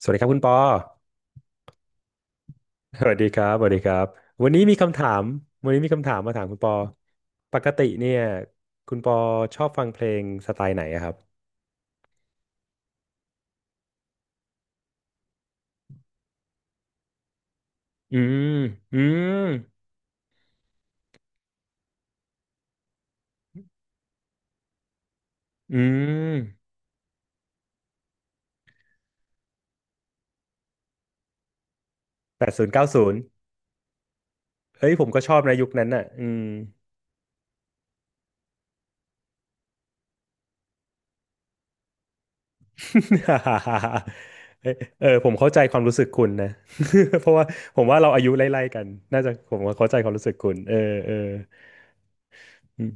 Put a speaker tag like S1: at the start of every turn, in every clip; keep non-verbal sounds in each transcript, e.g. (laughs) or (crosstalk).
S1: สวัสดีครับคุณปอสวัสดีครับสวัสดีครับ วันนี้มีคำถาม วันนี้มีคำถามมาถามคุณปอปกติเนี่ยคุณปอชอบฟังเพลงสไตล์ไหนอะครับอืมอืมอืมแปดศูนย์เก้าศูนย์เฮ้ยผมก็ชอบนะยุคนั้นน่ะ อืม (laughs) เอ้ยเออผมเข้าใจความรู้สึกคุณนะ (laughs) เพราะว่าผมว่าเราอายุไล่ๆกัน น่าจะผมว่าเข้าใจความรู้สึกคุณเออเอออืม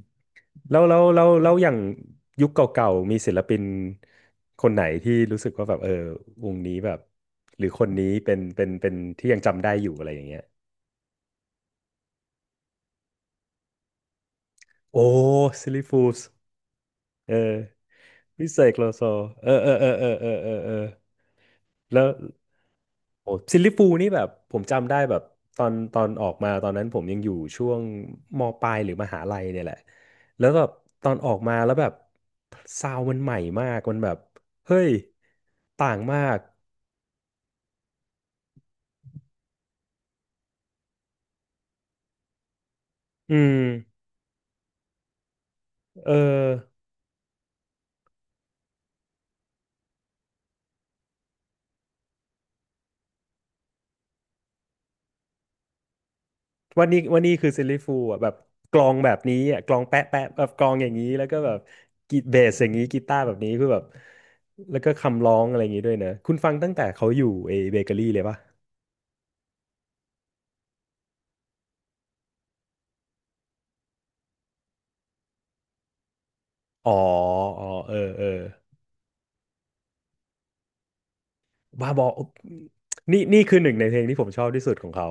S1: แล้วอย่างยุคเก่าๆมีศิลปินคนไหนที่รู้สึกว่าแบบเออวงนี้แบบหรือคนนี้เป็นที่ยังจำได้อยู่อะไรอย่างเงี้ยโอ้ซิลลี่ฟูลส์เออวิเศษโลโซเออเออเออเออเออเออเออแล้ว โอ้ซิลลิฟูลนี่แบบผมจำได้แบบตอนออกมาตอนนั้นผมยังอยู่ช่วงมปลายหรือมหาลัยเนี่ยแหละแล้วแบบตอนออกมาแล้วแบบซาวด์มันใหม่มากมันแบบเฮ้ยต่างมากอืมเออวันนี้วันนี้คือซิลลิฟูลอ่ะแบบกลองแบบนี้อ่ะกลองแปะแปะแบบกลองอย่างนี้แล้วก็แบบกีเบสอย่างนี้กีตาร์แบบนี้คือแบบแล้วก็คำร้องอะไรอย่างนี้ด้วยเนอะคุณฟังตั้งแต่เขาอยู่เอเบเกอรี่เลยปะอ๋ออ๋อเออเออ บ้าบอนี่นี่คือหนึ่งในเพลงที่ผมชอบที่สุดของเขา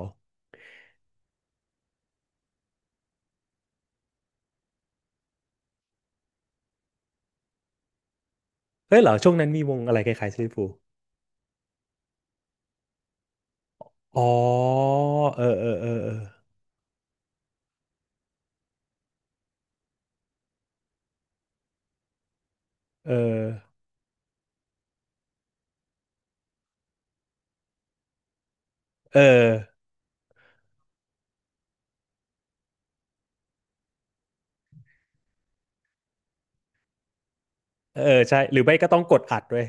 S1: เฮ้ยเหรอช่วงนั้นมีวงอะไรคล้ายๆซิลฟูอ๋อเออเออเออเออเออเออเออใช่หรือไม่ก็ต้องกดอัดเว้ย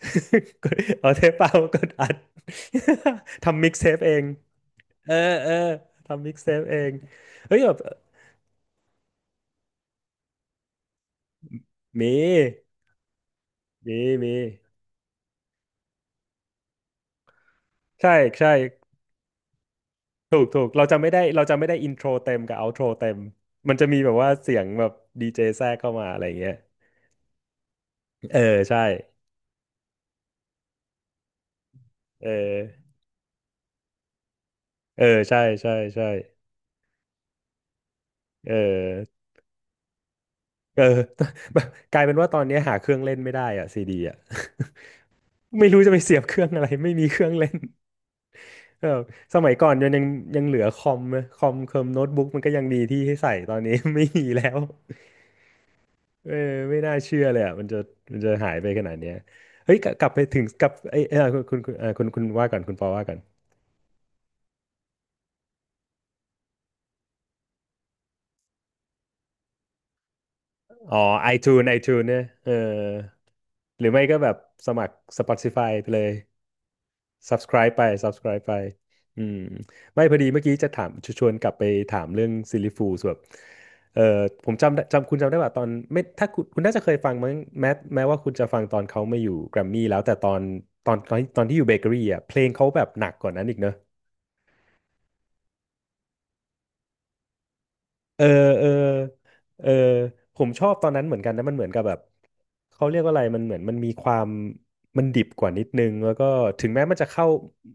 S1: (laughs) กดเอาเทปเปล่ากดอัด (laughs) ทำมิกซ์เทปเองเออเออทำมิกซ์เทปเองเฮ้ยแบบมีมีใช่ใช่ถูกถูกเราจะไม่ได้เราจะไม่ได้อินโทรเต็มกับเอาโทรเต็มมันจะมีแบบว่าเสียงแบบดีเจแทรกเข้ามาอะไรอย่างเงี้ย เออใช่เออเออใช่ใช่ใช่เออเออ (laughs) กลายเป็นว่าตอนนี้หาเครื่องเล่นไม่ได้อะซีดีอะ (laughs) ไม่รู้จะไปเสียบเครื่องอะไรไม่มีเครื่องเล่น (laughs) เออสมัยก่อนยังเหลือคอมนะคอมเคอมโน้ตบุ๊กมันก็ยังมีที่ให้ใส่ตอนนี้ (laughs) ไม่มีแล้ว (laughs) เออไม่น่าเชื่อเลยอ่ะมันจะหายไปขนาดเนี้ยเฮ้ยกลับไปถึงกลับไอ้ยเออคุณคุณเออคุณคุณว่าก่อนคุณปอว่าก่อนอ๋อ iTunes iTunes เนี่ยเออหรือไม่ก็แบบสมัคร Spotify ไปเลย subscribe ไป subscribe ไปอืมไม่พอดีเมื่อกี้จะถามชชวนกลับไปถามเรื่องซิลลิฟูสแบบเออผมจำได้จำคุณจำได้ว่าตอนไม่ถ้าคุณน่าจะเคยฟังมั้งแม้ว่าคุณจะฟังตอนเขาไม่อยู่แกรมมี่แล้วแต่ตอนที่อยู่เบเกอรี่อ่ะเพลงเขาแบบหนักกว่านั้นอีกเนอะ เออเออเออผมชอบตอนนั้นเหมือนกันนะมันเหมือนกับแบบเขาเรียกว่าอะไรมันเหมือนมันมีความมันดิบกว่านิดนึงแล้วก็ถึงแม้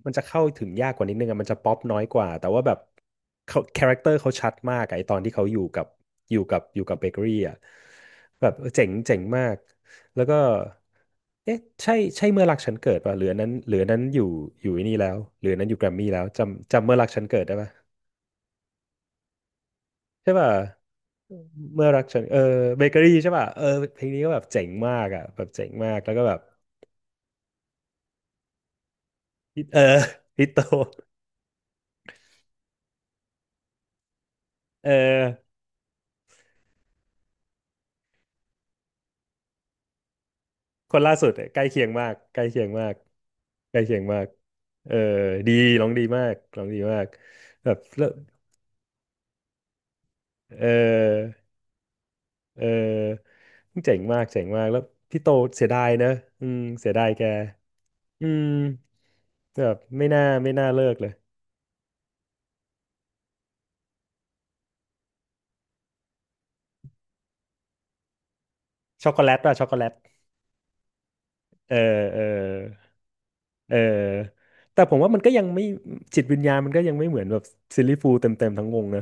S1: มันจะเข้าถึงยากกว่านิดนึงอะมันจะป๊อปน้อยกว่าแต่ว่าแบบเขาคาแรคเตอร์เขาชัดมากอะไอตอนที่เขาอยู่กับเบเกอรี่อะแบบเจ๋งเจ๋งมากแล้วก็เอ๊ะใช่ใช่เมื่อรักฉันเกิดป่ะหรืออันนั้นหรืออันนั้นอยู่ไอ้นี่แล้วหรืออันนั้นอยู่แกรมมี่แล้วจำเมื่อรักฉันเกิดได้ป่ะใช่ป่ะ เมื่อรักฉันเออเบเกอรี่ใช่ป่ะเออเพลงนี้ก็แบบเจ๋งมากอ่ะแบบเจ๋งมากแล้วก็แบบฮิตเออ (laughs) ฮิตโตเออคนล่าสุดอะใกล้เคียงมากใกล้เคียงมากใกล้เคียงมากเออดีร้องดีมากร้องดีมากแบบแล้วเออเออเจ๋งมากเจ๋งมากแล้วพี่โตเสียดายนะอืมเสียดายแกอืมแบบไม่น่าเลิกเลยช็อกโกแลตป่ะช็อกโกแลต เออเออเออแต่ผมว่ามันก็ยังไม่จิตวิญญาณมันก็ยังไม่เหมือนแบบซิลลี่ฟูลเต็มเต็มทั้งวงนะ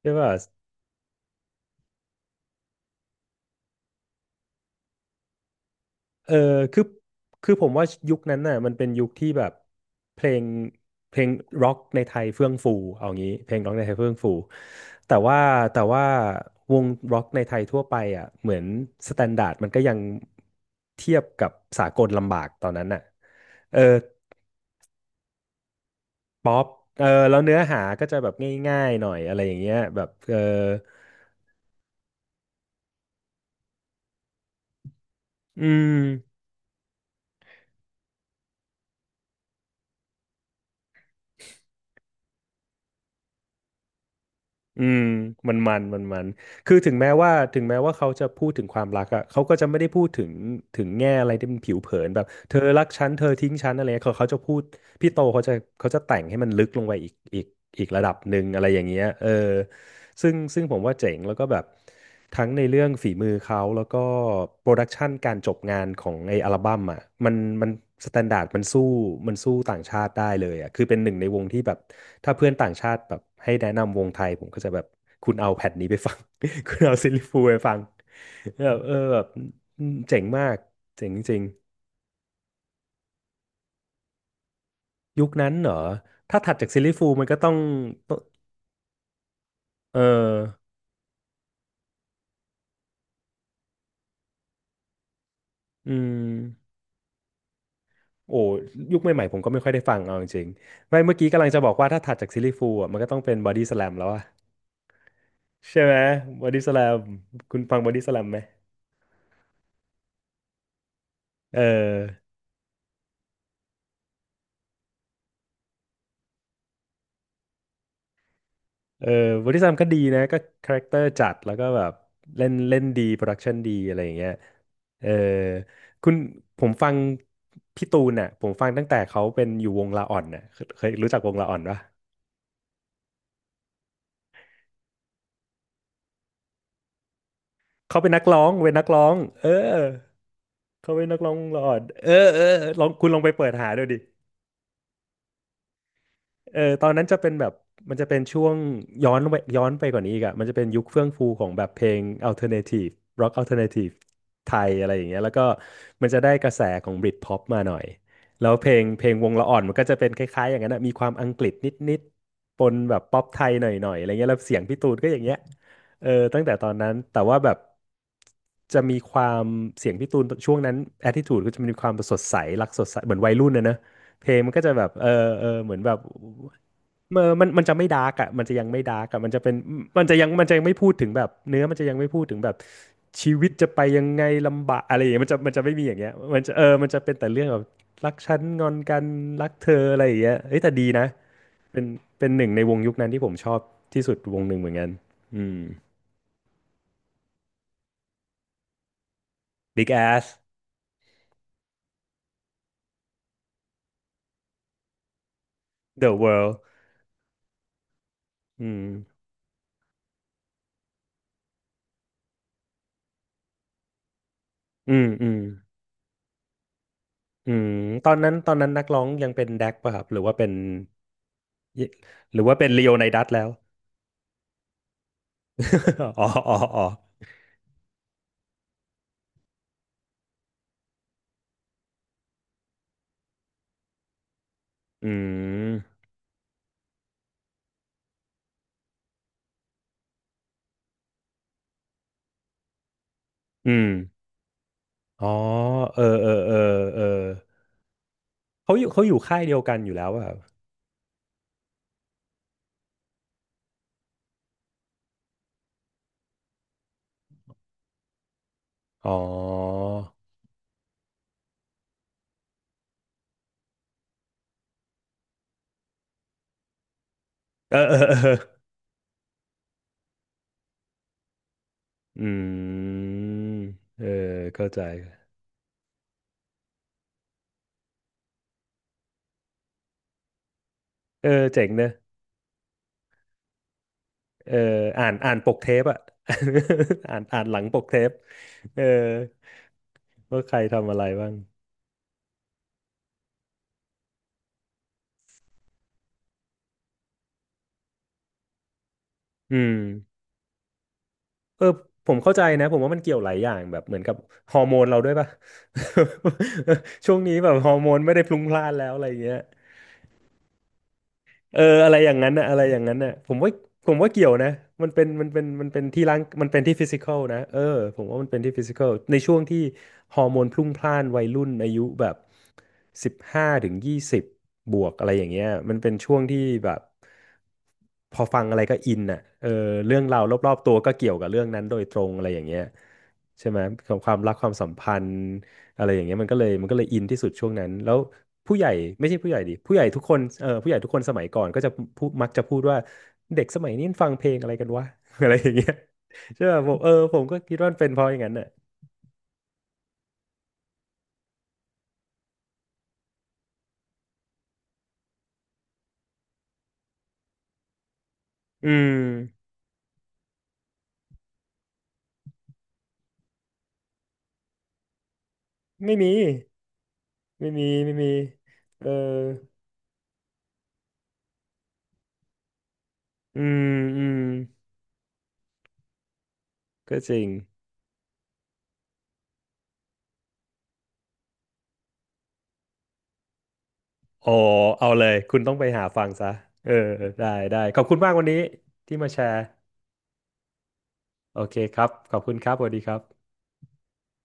S1: ใช่ป่ะเออคือคือผมว่ายุคนั้นน่ะมันเป็นยุคที่แบบเพลงเพลงร็อกในไทยเฟื่องฟูเอางี้เพลงร็อกในไทยเฟื่องฟูแต่ว่าแต่ว่าวงร็อกในไทยทั่วไปอ่ะเหมือนสแตนดาร์ดมันก็ยังเทียบกับสากลลำบากตอนนั้นน่ะเออ ป๊อปเออแล้วเนื้อหาก็จะแบบง่ายๆหน่อยอะไรอย่างเงี้ยแบบเอออืมอืม มันคือถึงแม้ว่าเขาจะพูดถึงความรักอ่ะเขาก็จะไม่ได้พูดถึงถึงแง่อะไรที่มันผิวเผินแบบเธอรักฉันเธอทิ้งฉันอะไรเงี้ยเขาจะพูดพี่โตเขาจะเขาจะแต่งให้มันลึกลงไปอีกระดับหนึ่งอะไรอย่างเงี้ยเออ ซึ่งผมว่าเจ๋งแล้วก็แบบทั้งในเรื่องฝีมือเขาแล้วก็โปรดักชันการจบงานของไออัลบั้มอ่ะมันมันสแตนดาร์ดมันสู้ต่างชาติได้เลยอ่ะคือเป็นหนึ่งในวงที่แบบถ้าเพื่อนต่างชาติแบบให้แนะนำวงไทยผมก็จะแบบคุณเอาแผ่นนี้ไปฟัง (laughs) คุณเอาซิลลิฟูลไปฟังแบบเออแบบเจ๋งมากเจ๋งจริงๆยุคนั้นเหรอถ้าถัดจากซิลลิฟูลมันก็ต้องเอออืม โอ้ยุคใหม่ๆผมก็ไม่ค่อยได้ฟังเอาจริงๆไม่เมื่อกี้กำลังจะบอกว่าถ้าถัดจากซิลลี่ฟูลอ่ะมันก็ต้องเป็นบอดี้สแลมแล้วอะใช่ไหมบอดี้สแลมคุณฟังบอดี้สแลมไหมเออเออบริษัทก็ดีนะก็คาแรคเตอร์จัดแล้วก็แบบเล่นเล่นดีโปรดักชันดีอะไรอย่างเงี้ยเออคุณผมฟังพี่ตูนน่ะผมฟังตั้งแต่เขาเป็นอยู่วงลาอ่อนน่ะเคยรู้จักวงลาอ่อนปะเขาเป็นนักร้องเออเขาเป็นนักร้องวงลาอ่อนเออเออลองคุณลองไปเปิดหาดูดิ เออตอนนั้นจะเป็นแบบมันจะเป็นช่วงย้อนไปกว่านี้อีกอะมันจะเป็นยุคเฟื่องฟูของแบบเพลงอัลเทอร์เนทีฟร็อกอัลเทอร์เนทีฟไทยอะไรอย่างเงี้ยแล้วก็มันจะได้กระแสของบริ t พ็อปมาหน่อยแล้วเพลงวงละอ่อนมันก็จะเป็นคล้ายๆอย่างนั้นอะมีความอังกฤษนิดๆปนแบบป๊อปไทยหน่อยๆอะไรเงี้ยแล้วเสียงพี่ตูนก็อย่างเงี้ยเออตั้งแต่ตอนนั้นแต่ว่าแบบจะมีความเสียงพี่ตูนช่วงนั้นแอ t i ิ u ูดก็จะมีความสดใสรักสดใสเหมือนวัยรุ่นนะนะเพลงมันก็จะแบบเออเออเหมือนแบบ เมื่อมันจะไม่ดาร์กอ่ะมันจะยังไม่ดาร์กอ่ะมันจะเป็นมันจะยังไม่พูดถึงแบบเนื้อมันจะยังไม่พูดถึงแบบชีวิตจะไปยังไงลำบากอะไรอย่างเงี้ยมันจะไม่มีอย่างเงี้ยมันจะเออมันจะเป็นแต่เรื่องแบบรักฉันงอนกันรักเธออะไรอย่างเงี้ยเอ้ยแต่ดีนะเป็นเป็นหนึ่งในวงยุคนั้นที่ผมชอบที่สุดวงหนึ่งเหมือนกันอืม Big Ass The World อืมอืมอืมอืมตอนนั้นนักร้องยังเป็นแดกป่ะครับหรือว่าเป็นหรือว่าเป็นลีโอไนดัสแล้ว (laughs) อ๋ออ๋ออ๋อ อืมอืมอ๋อเออเออเออเออเขาอยู่ค่ายเดียวกันอยู่แล้วอะครับอ๋อเออเออเออ (laughs) อืมเออเข้าใจเออเจ๋งเนอะเอออ่านปกเทปอะ (laughs) อ่านหลังปกเทปเออว่าใครทำอะไรบ้างอืมเออผมเข้าใจนะผมว่ามันเกี่ยวหลายอย่างแบบเหมือนกับฮอร์โมนเราด้วยป่ะ (laughs) ช่วงนี้แบบฮอร์โมนไม่ได้พลุงพล่านแล้วอะไรอย่างเงี้ย เอออะไรอย่างนั้นน่ะอะไรอย่างนั้นน่ะผมว่าผมว่าเกี่ยวนะมันเป็นที่ฟิสิกอลนะเออผมว่ามันเป็นที่ฟิสิกอลในช่วงที่ฮอร์โมนพลุ่งพล่านวัยรุ่นอายุแบบ15-20บวกอะไรอย่างเงี้ยมันเป็นช่วงที่แบบพอฟังอะไรก็อินน่ะเออเรื่องราวรอบๆตัวก็เกี่ยวกับเรื่องนั้นโดยตรงอะไรอย่างเงี้ยใช่ไหมของความรักความสัมพันธ์ อะไรอย่างเงี้ยมันก็เลยอินที่สุดช่วงนั้นแล้วผู้ใหญ่ไม่ใช่ผู้ใหญ่ดิผู้ใหญ่ทุกคนสมัยก่อนก็จะพูดมักจะพูดว่าเด็กสมัยนี้ฟังเพลงอะไรกันวะ (laughs) อะไรอย่างเงี้ยใช่ป่ะผมเออผมก็คิดว่ามันเป็นเพราะอย่างนั้นน่ะอืมไม่มีไม่มีไม่มีเอออืมอืมก็จริงอ๋อเอาเลยคุณต้องไปหาฟังซะเออได้ได้ขอบคุณมากวันนี้ที่มาแชร์โอเคครับขอบคุณครับสวัสดีครับ